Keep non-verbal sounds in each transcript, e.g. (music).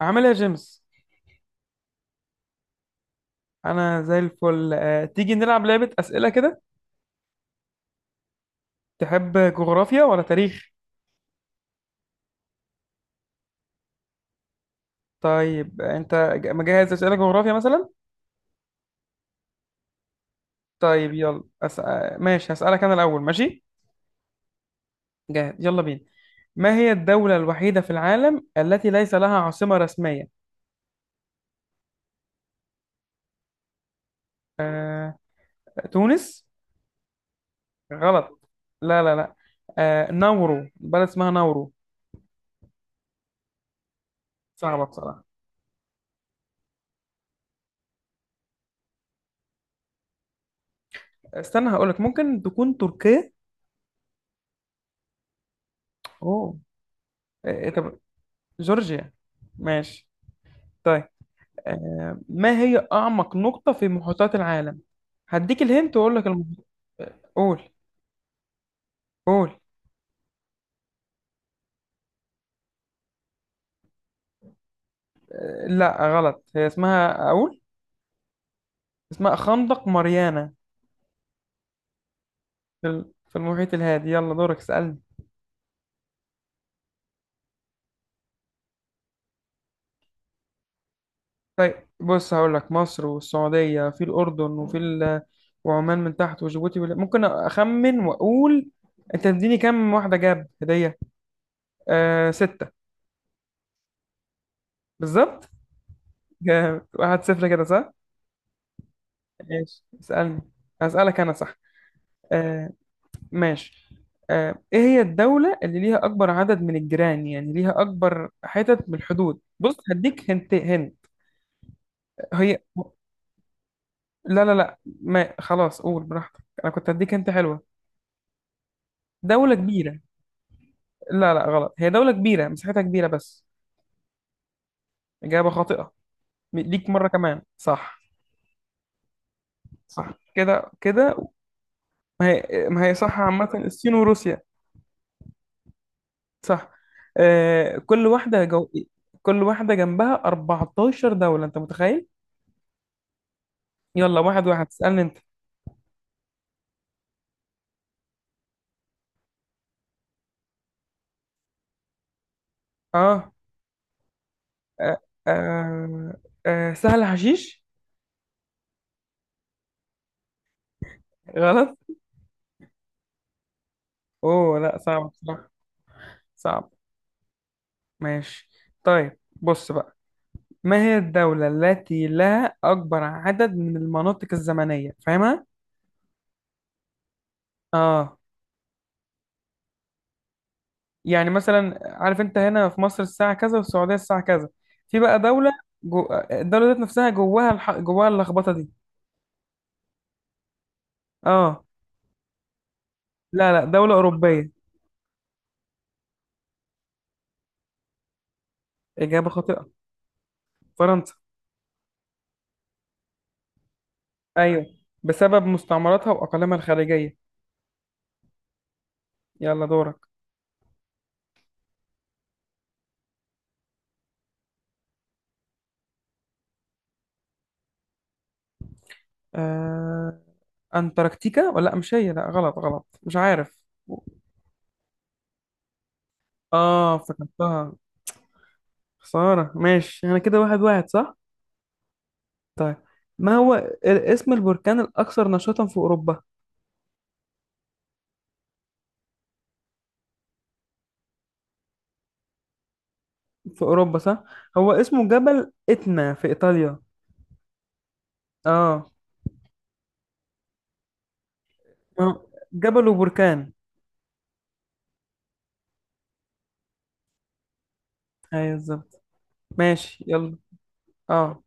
عامل ايه يا جيمس؟ انا زي الفل، تيجي نلعب لعبة أسئلة كده. تحب جغرافيا ولا تاريخ؟ طيب، انت مجهز أسئلة جغرافيا مثلا؟ طيب يلا أس... آه، ماشي، هسألك انا الاول. ماشي، جاهز؟ يلا بينا. ما هي الدولة الوحيدة في العالم التي ليس لها عاصمة رسمية؟ آه... تونس. غلط. لا لا لا. نورو، بلد اسمها نورو. صعبة بصراحة. استنى هقولك، ممكن تكون تركيا. اوه. طب جورجيا. ماشي. طيب، ما هي أعمق نقطة في محيطات العالم؟ هديك الهنت وأقول لك قول. قول. لا غلط، هي اسمها أقول. اسمها خندق ماريانا. في المحيط الهادي. يلا دورك، اسألني. طيب بص، هقول لك مصر والسعودية، في الأردن وفي وعمان من تحت، وجيبوتي ممكن أخمن وأقول. أنت تديني كام واحدة جاب هدية؟ آه ستة. بالظبط (laughs) جامد، واحد صفر كده، صح؟ ماشي، اسألني. أسألك أنا، صح؟ آه. ماشي. ايه هي الدولة اللي ليها اكبر عدد من الجيران، يعني ليها اكبر حتت من الحدود؟ بص هديك هنت هنت. هي. لا لا لا، ما خلاص قول براحتك، انا كنت هديك هنت حلوة. دولة كبيرة. لا لا غلط، هي دولة كبيرة مساحتها كبيرة بس. إجابة خاطئة. ليك مرة كمان، صح. صح، كده كده. ما هي صح عامة، الصين وروسيا. صح. آه كل واحدة جو... كل واحدة جنبها 14 دولة، أنت متخيل؟ يلا، واحد واحد، اسألني أنت. اه. آه، آه، سهل حشيش. غلط. اوه لا، صعب بصراحة. صعب. ماشي. طيب بص بقى، ما هي الدولة التي لها أكبر عدد من المناطق الزمنية، فاهمها؟ اه، يعني مثلا عارف، انت هنا في مصر الساعة كذا، وفي السعودية الساعة كذا، في بقى دولة الدولة ذات نفسها، جواها جواها اللخبطة دي. اه. لا لا، دولة أوروبية. إجابة خاطئة. فرنسا. أيوه، بسبب مستعمراتها وأقاليمها الخارجية. يلا دورك. آه... أنتاركتيكا، ولا لأ، مش هي، لا غلط غلط، مش عارف. آه، افتكرتها. خسارة. ماشي، أنا كده واحد واحد، صح؟ طيب. ما هو ال- اسم البركان الأكثر نشاطا في أوروبا؟ في أوروبا، صح؟ هو اسمه جبل إتنا في إيطاليا. آه. آه، جبل وبركان. أيوه بالظبط. ماشي يلا. آه.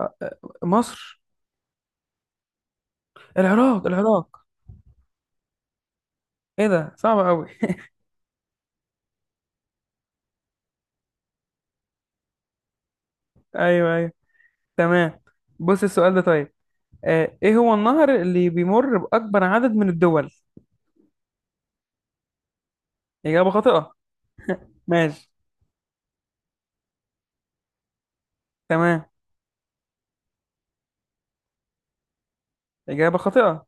آه، مصر. العراق العراق. إيه ده، صعب أوي. (laughs) أيوه أيوه. تمام. بص السؤال ده طيب. ايه هو النهر اللي بيمر بأكبر عدد من الدول؟ إجابة خاطئة. ماشي. تمام. إجابة خاطئة.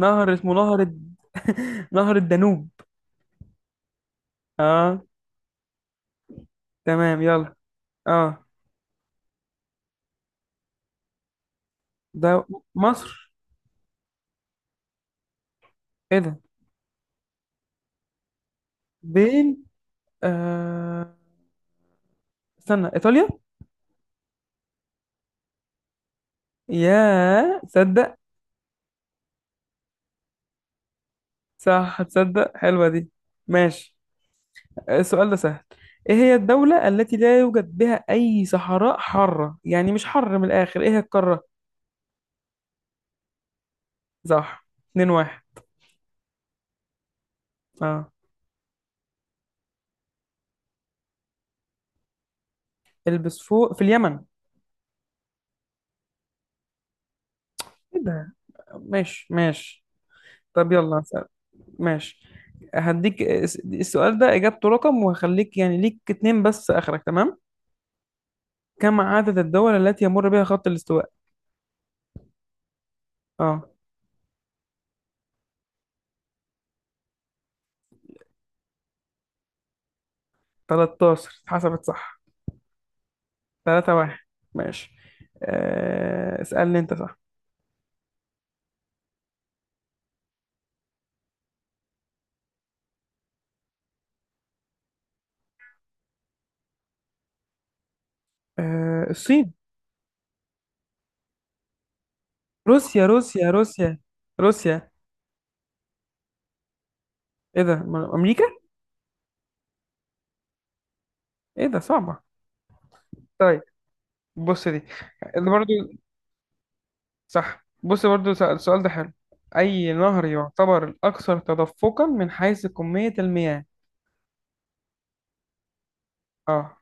نهر اسمه نهر (laughs) نهر الدانوب. اه تمام يلا. اه. ده. مصر. ايه ده، بين. آه... استنى، إيطاليا. يا تصدق. صح تصدق، حلوة دي. ماشي. السؤال ده سهل. ايه هي الدولة التي لا يوجد بها أي صحراء حارة، يعني مش حر من الآخر، ايه هي القارة؟ صح. 2 واحد. اه. البس فوق في اليمن. ايه ده. ماشي ماشي. طب يلا هسأل. ماشي، هديك السؤال ده إجابته رقم، وهخليك يعني ليك اتنين بس، آخرك تمام. كم عدد الدول التي يمر بها خط الاستواء؟ اه. 13 اتحسبت، صح. 3 واحد. ماشي. آه، اسألني انت، صح. آه، الصين. روسيا روسيا روسيا روسيا. ايه ده، أمريكا؟ ايه ده صعبة. طيب بص دي. برضه. صح، بص برضو، السؤال ده حلو. أي نهر يعتبر الأكثر تدفقا من حيث كمية المياه؟ آه.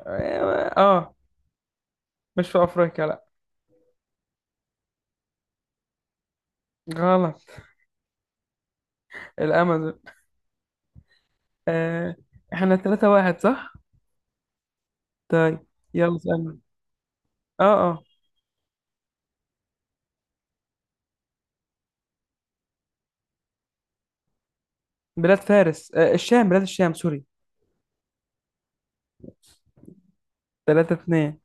آه. آه. مش في أفريقيا لأ. غلط. الأمازون. آه. إحنا تلاتة واحد، صح؟ طيب. يلا اسألني. آه. آه بلاد فارس، آه الشام، بلاد الشام سوري. تلاتة اتنين.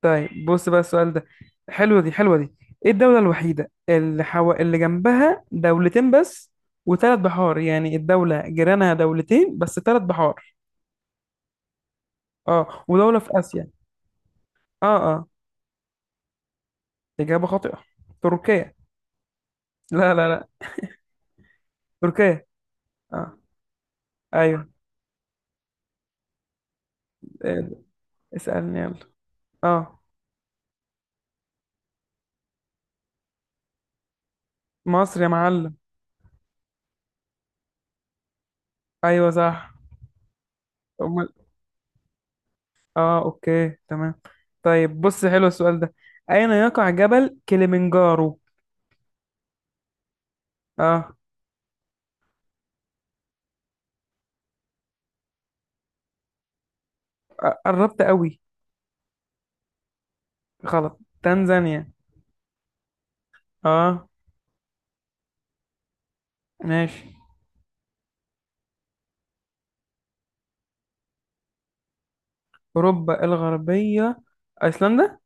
طيب بص بقى السؤال ده، حلوة دي حلوة دي. إيه الدولة الوحيدة اللي جنبها دولتين بس، وثلاث بحار، يعني الدولة جيرانها دولتين بس ثلاث بحار. اه، ودولة في آسيا. اه اه. إجابة خاطئة. تركيا. لا لا لا. تركيا. اه. ايوه. آه، اسألني يلا. اه. مصر يا معلم. ايوه صح. امال. اه اوكي تمام. طيب بص حلو السؤال ده. اين يقع جبل كليمنجارو؟ اه. قربت قوي. غلط، تنزانيا. اه. ماشي. اوروبا الغربية. ايسلندا.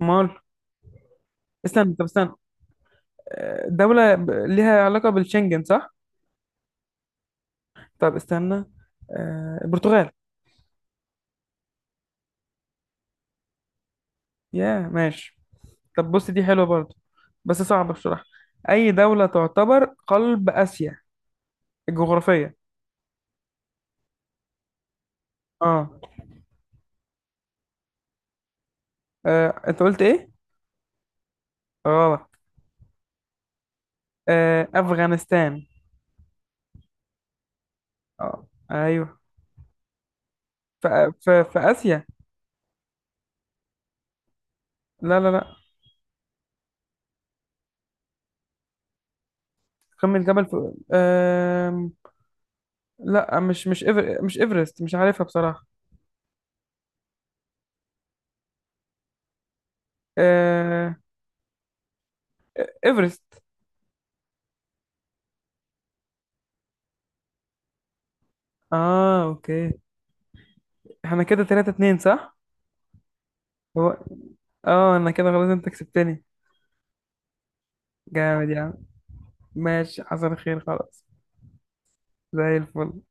مال. استنى، طب استنى. دولة ليها علاقة بالشنجن، صح. طب استنى. البرتغال. يا ماشي. طب بص دي حلوة برضو، بس صعبة بصراحة. أي دولة تعتبر قلب آسيا الجغرافية؟ اه. أنت قلت إيه؟ غلط. أفغانستان. اه أيوه. في آسيا. لا لا لا. قمة جبل في. لا، مش مش إيفرست، مش عارفها بصراحة. آه. إيفرست. اه اوكي. احنا كده 3 2، صح؟ هو. اه انا كده خلاص، انت كسبتني. جامد يا عم. ماشي، حصل خير خلاص. زي الفل.